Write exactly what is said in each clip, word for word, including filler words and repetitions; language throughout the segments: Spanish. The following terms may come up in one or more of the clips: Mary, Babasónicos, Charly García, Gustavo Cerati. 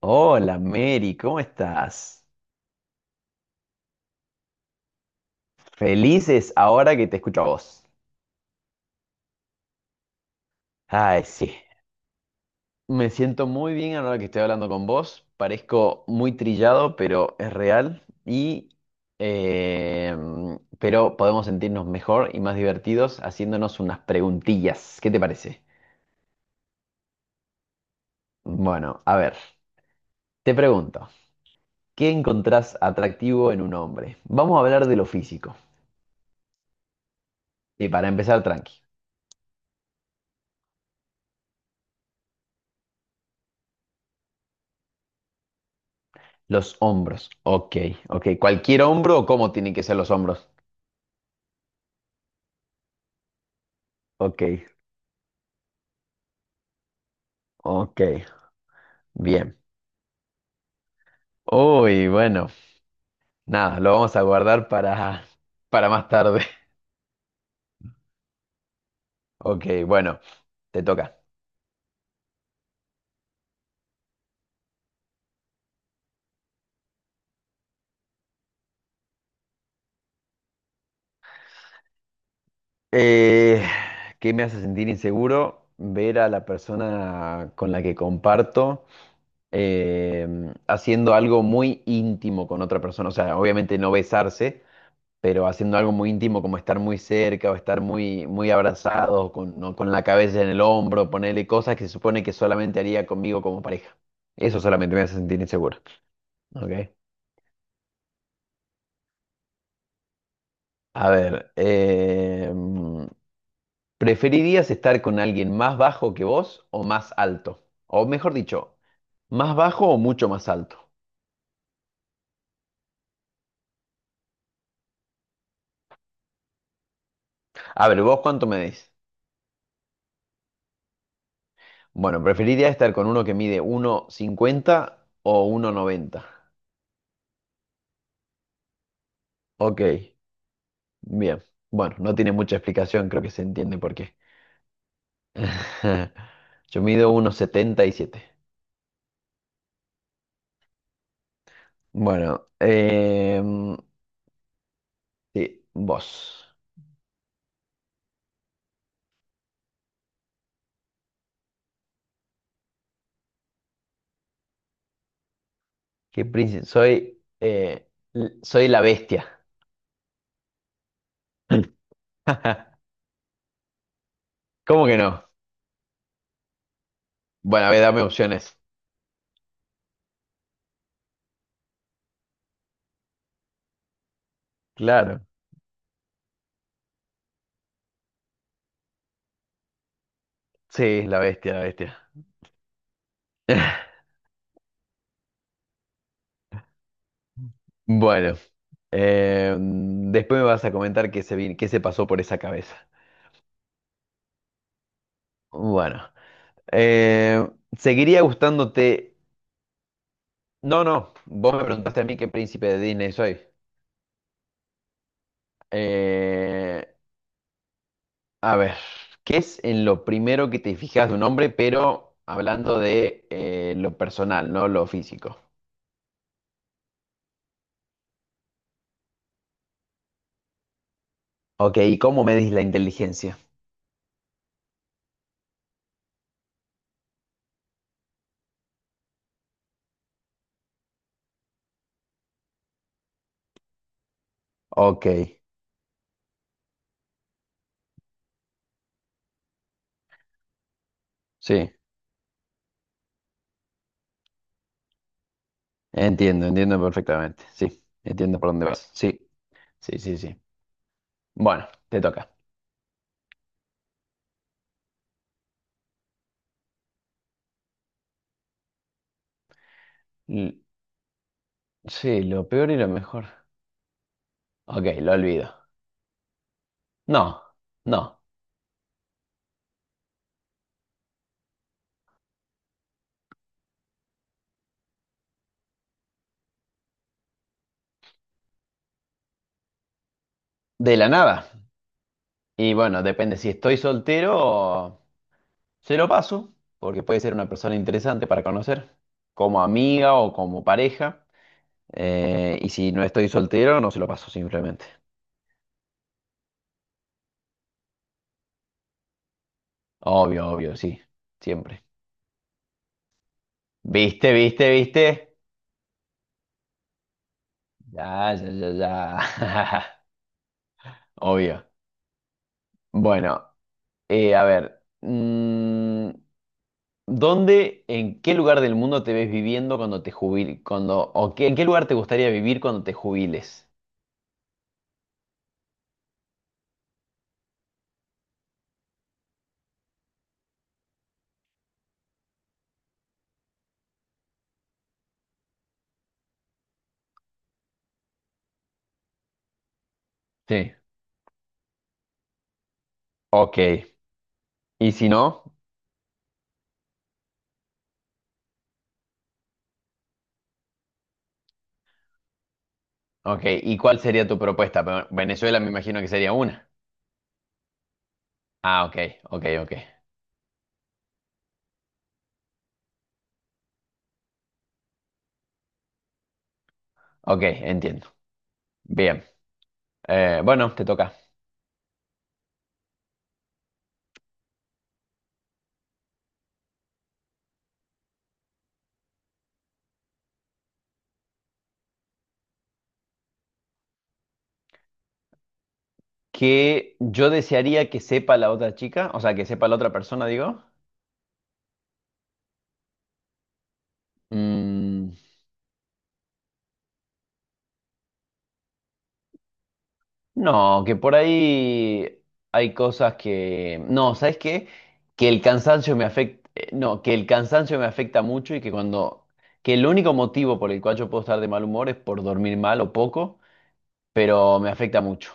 Hola Mary, ¿cómo estás? Felices ahora que te escucho a vos. Ay, sí. Me siento muy bien ahora que estoy hablando con vos. Parezco muy trillado, pero es real. Y eh, pero podemos sentirnos mejor y más divertidos haciéndonos unas preguntillas. ¿Qué te parece? Bueno, a ver, te pregunto, ¿qué encontrás atractivo en un hombre? Vamos a hablar de lo físico. Y para empezar, tranqui. Los hombros. Ok, ok. ¿Cualquier hombro o cómo tienen que ser los hombros? Ok, ok. Bien. Uy, bueno. Nada, lo vamos a guardar para, para más tarde. Ok, bueno, te toca. Eh, ¿Qué me hace sentir inseguro? Ver a la persona con la que comparto eh, haciendo algo muy íntimo con otra persona. O sea, obviamente no besarse, pero haciendo algo muy íntimo como estar muy cerca o estar muy, muy abrazados, con, ¿no? con la cabeza en el hombro, ponerle cosas que se supone que solamente haría conmigo como pareja. Eso solamente me hace sentir inseguro. ¿Ok? A ver, eh, mm, ¿preferirías estar con alguien más bajo que vos o más alto? O mejor dicho, ¿más bajo o mucho más alto? A ver, ¿vos cuánto me decís? Bueno, preferiría estar con uno que mide uno cincuenta o uno noventa. Ok. Bien, bueno, no tiene mucha explicación, creo que se entiende por qué. Yo mido uno coma setenta y siete. Bueno, em, sí, vos. ¿Qué príncipe? Soy, eh, l- soy la bestia. ¿Cómo que no? Bueno, a ver, dame opciones. Claro. Sí, la bestia, la bestia. Bueno, em, después me vas a comentar qué se, vi- qué se pasó por esa cabeza. Bueno, em, ¿seguiría gustándote? No, no, vos me preguntaste a mí qué príncipe de Disney soy. Eh, a ver, ¿qué es en lo primero que te fijas de un hombre, pero hablando de eh, lo personal, no lo físico? Ok, ¿y cómo medís la inteligencia? Ok, sí, entiendo, entiendo perfectamente. Sí, entiendo por dónde vas. Sí, sí, sí, sí. Bueno, te toca. L- sí, lo peor y lo mejor. Ok, lo olvido. No, no. De la nada. Y bueno, depende si estoy soltero. Se lo paso, porque puede ser una persona interesante para conocer, como amiga o como pareja. Eh, y si no estoy soltero, no se lo paso simplemente. Obvio, obvio, sí, siempre. ¿Viste, viste, viste? Ya, ya, ya, ya. Obvio. Bueno, eh, a ver. Mm, ¿dónde, en qué lugar del mundo te ves viviendo cuando te jubiles? Cuando, o qué- ¿en qué lugar te gustaría vivir cuando te jubiles? Sí. Ok. ¿Y si no? Ok, ¿y cuál sería tu propuesta? Pero Venezuela me imagino que sería una. Ah, ok, ok, ok. Ok, entiendo. Bien. Eh, bueno, te toca. ¿Qué yo desearía que sepa la otra chica? O sea, que sepa la otra persona, digo. Mm, no, que por ahí hay cosas que... No, ¿sabes qué? Que el cansancio me afecta... No, que el cansancio me afecta mucho y que cuando... Que el único motivo por el cual yo puedo estar de mal humor es por dormir mal o poco, pero me afecta mucho.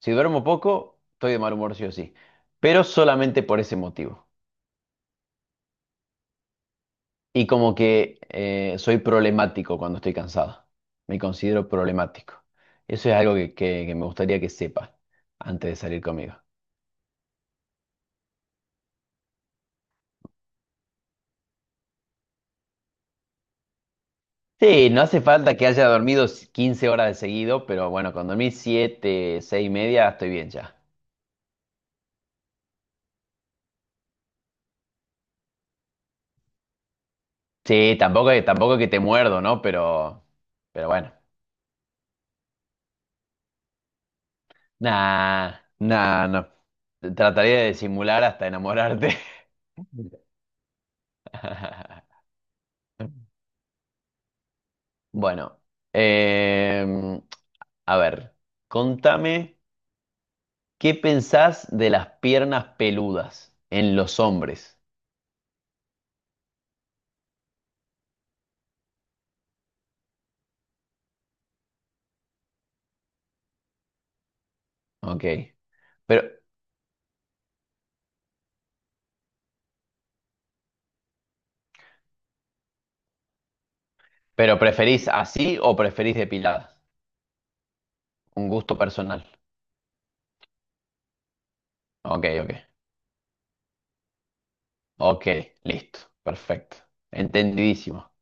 Si duermo poco, estoy de mal humor sí o sí, pero solamente por ese motivo. Y como que eh, soy problemático cuando estoy cansado. Me considero problemático. Eso es algo que, que- que me gustaría que sepa antes de salir conmigo. Sí, no hace falta que haya dormido quince horas de seguido, pero bueno, con dormir siete, seis y media estoy bien ya. Sí, tampoco, es- tampoco es que te muerdo, ¿no? Pero, pero bueno. Nah, nah, no. Trataría de simular hasta enamorarte. Bueno, em, a ver, contame qué pensás de las piernas peludas en los hombres. Ok. Pero, pero ¿preferís así o preferís depiladas? Un gusto personal. Ok, ok. Ok, listo. Perfecto. Entendidísimo.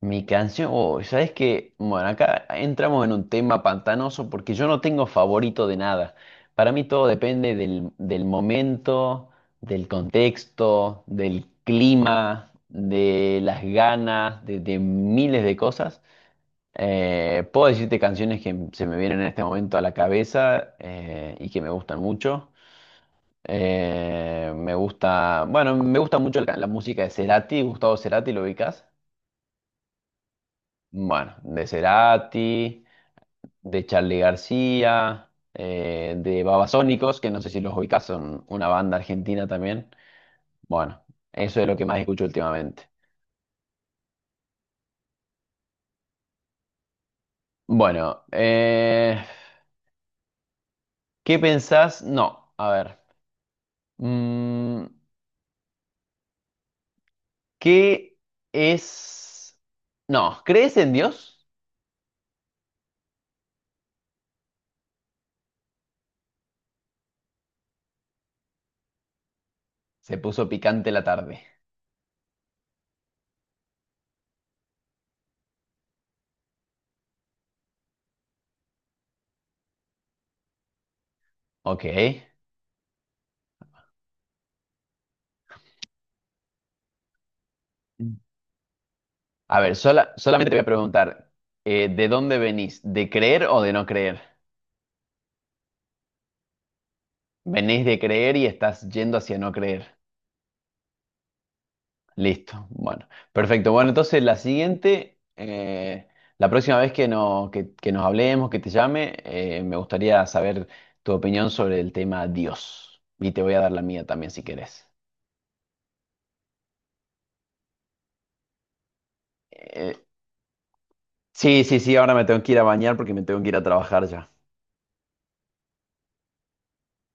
Mi canción, oh, ¿sabes qué? Bueno, acá entramos en un tema pantanoso porque yo no tengo favorito de nada. Para mí todo depende del, del momento, del contexto, del clima, de las ganas, de, de miles de cosas. Eh, puedo decirte canciones que se me vienen en este momento a la cabeza eh, y que me gustan mucho. Eh, me gusta, bueno, me gusta mucho la, la música de Cerati, Gustavo Cerati, ¿lo ubicas? Bueno, de Cerati, de Charly García, eh, de Babasónicos, que no sé si los ubicás, son una banda argentina también. Bueno, eso es lo que más escucho últimamente. Bueno, eh, ¿Qué pensás? No, a ver. mm, ¿Qué es? No, ¿crees en Dios? Se puso picante la tarde. Ok. A ver, sola- solamente te voy a preguntar, eh, ¿de dónde venís? ¿De creer o de no creer? Venís de creer y estás yendo hacia no creer. Listo. Bueno, perfecto. Bueno, entonces la siguiente, eh, la próxima vez que, no- que, que nos hablemos, que te llame, eh, me gustaría saber tu opinión sobre el tema Dios. Y te voy a dar la mía también si querés. Eh, sí, sí, sí, ahora me tengo que ir a bañar porque me tengo que ir a trabajar ya.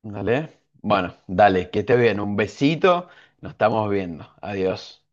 ¿Dale? Bueno, dale, que estés bien. Un besito. Nos estamos viendo. Adiós.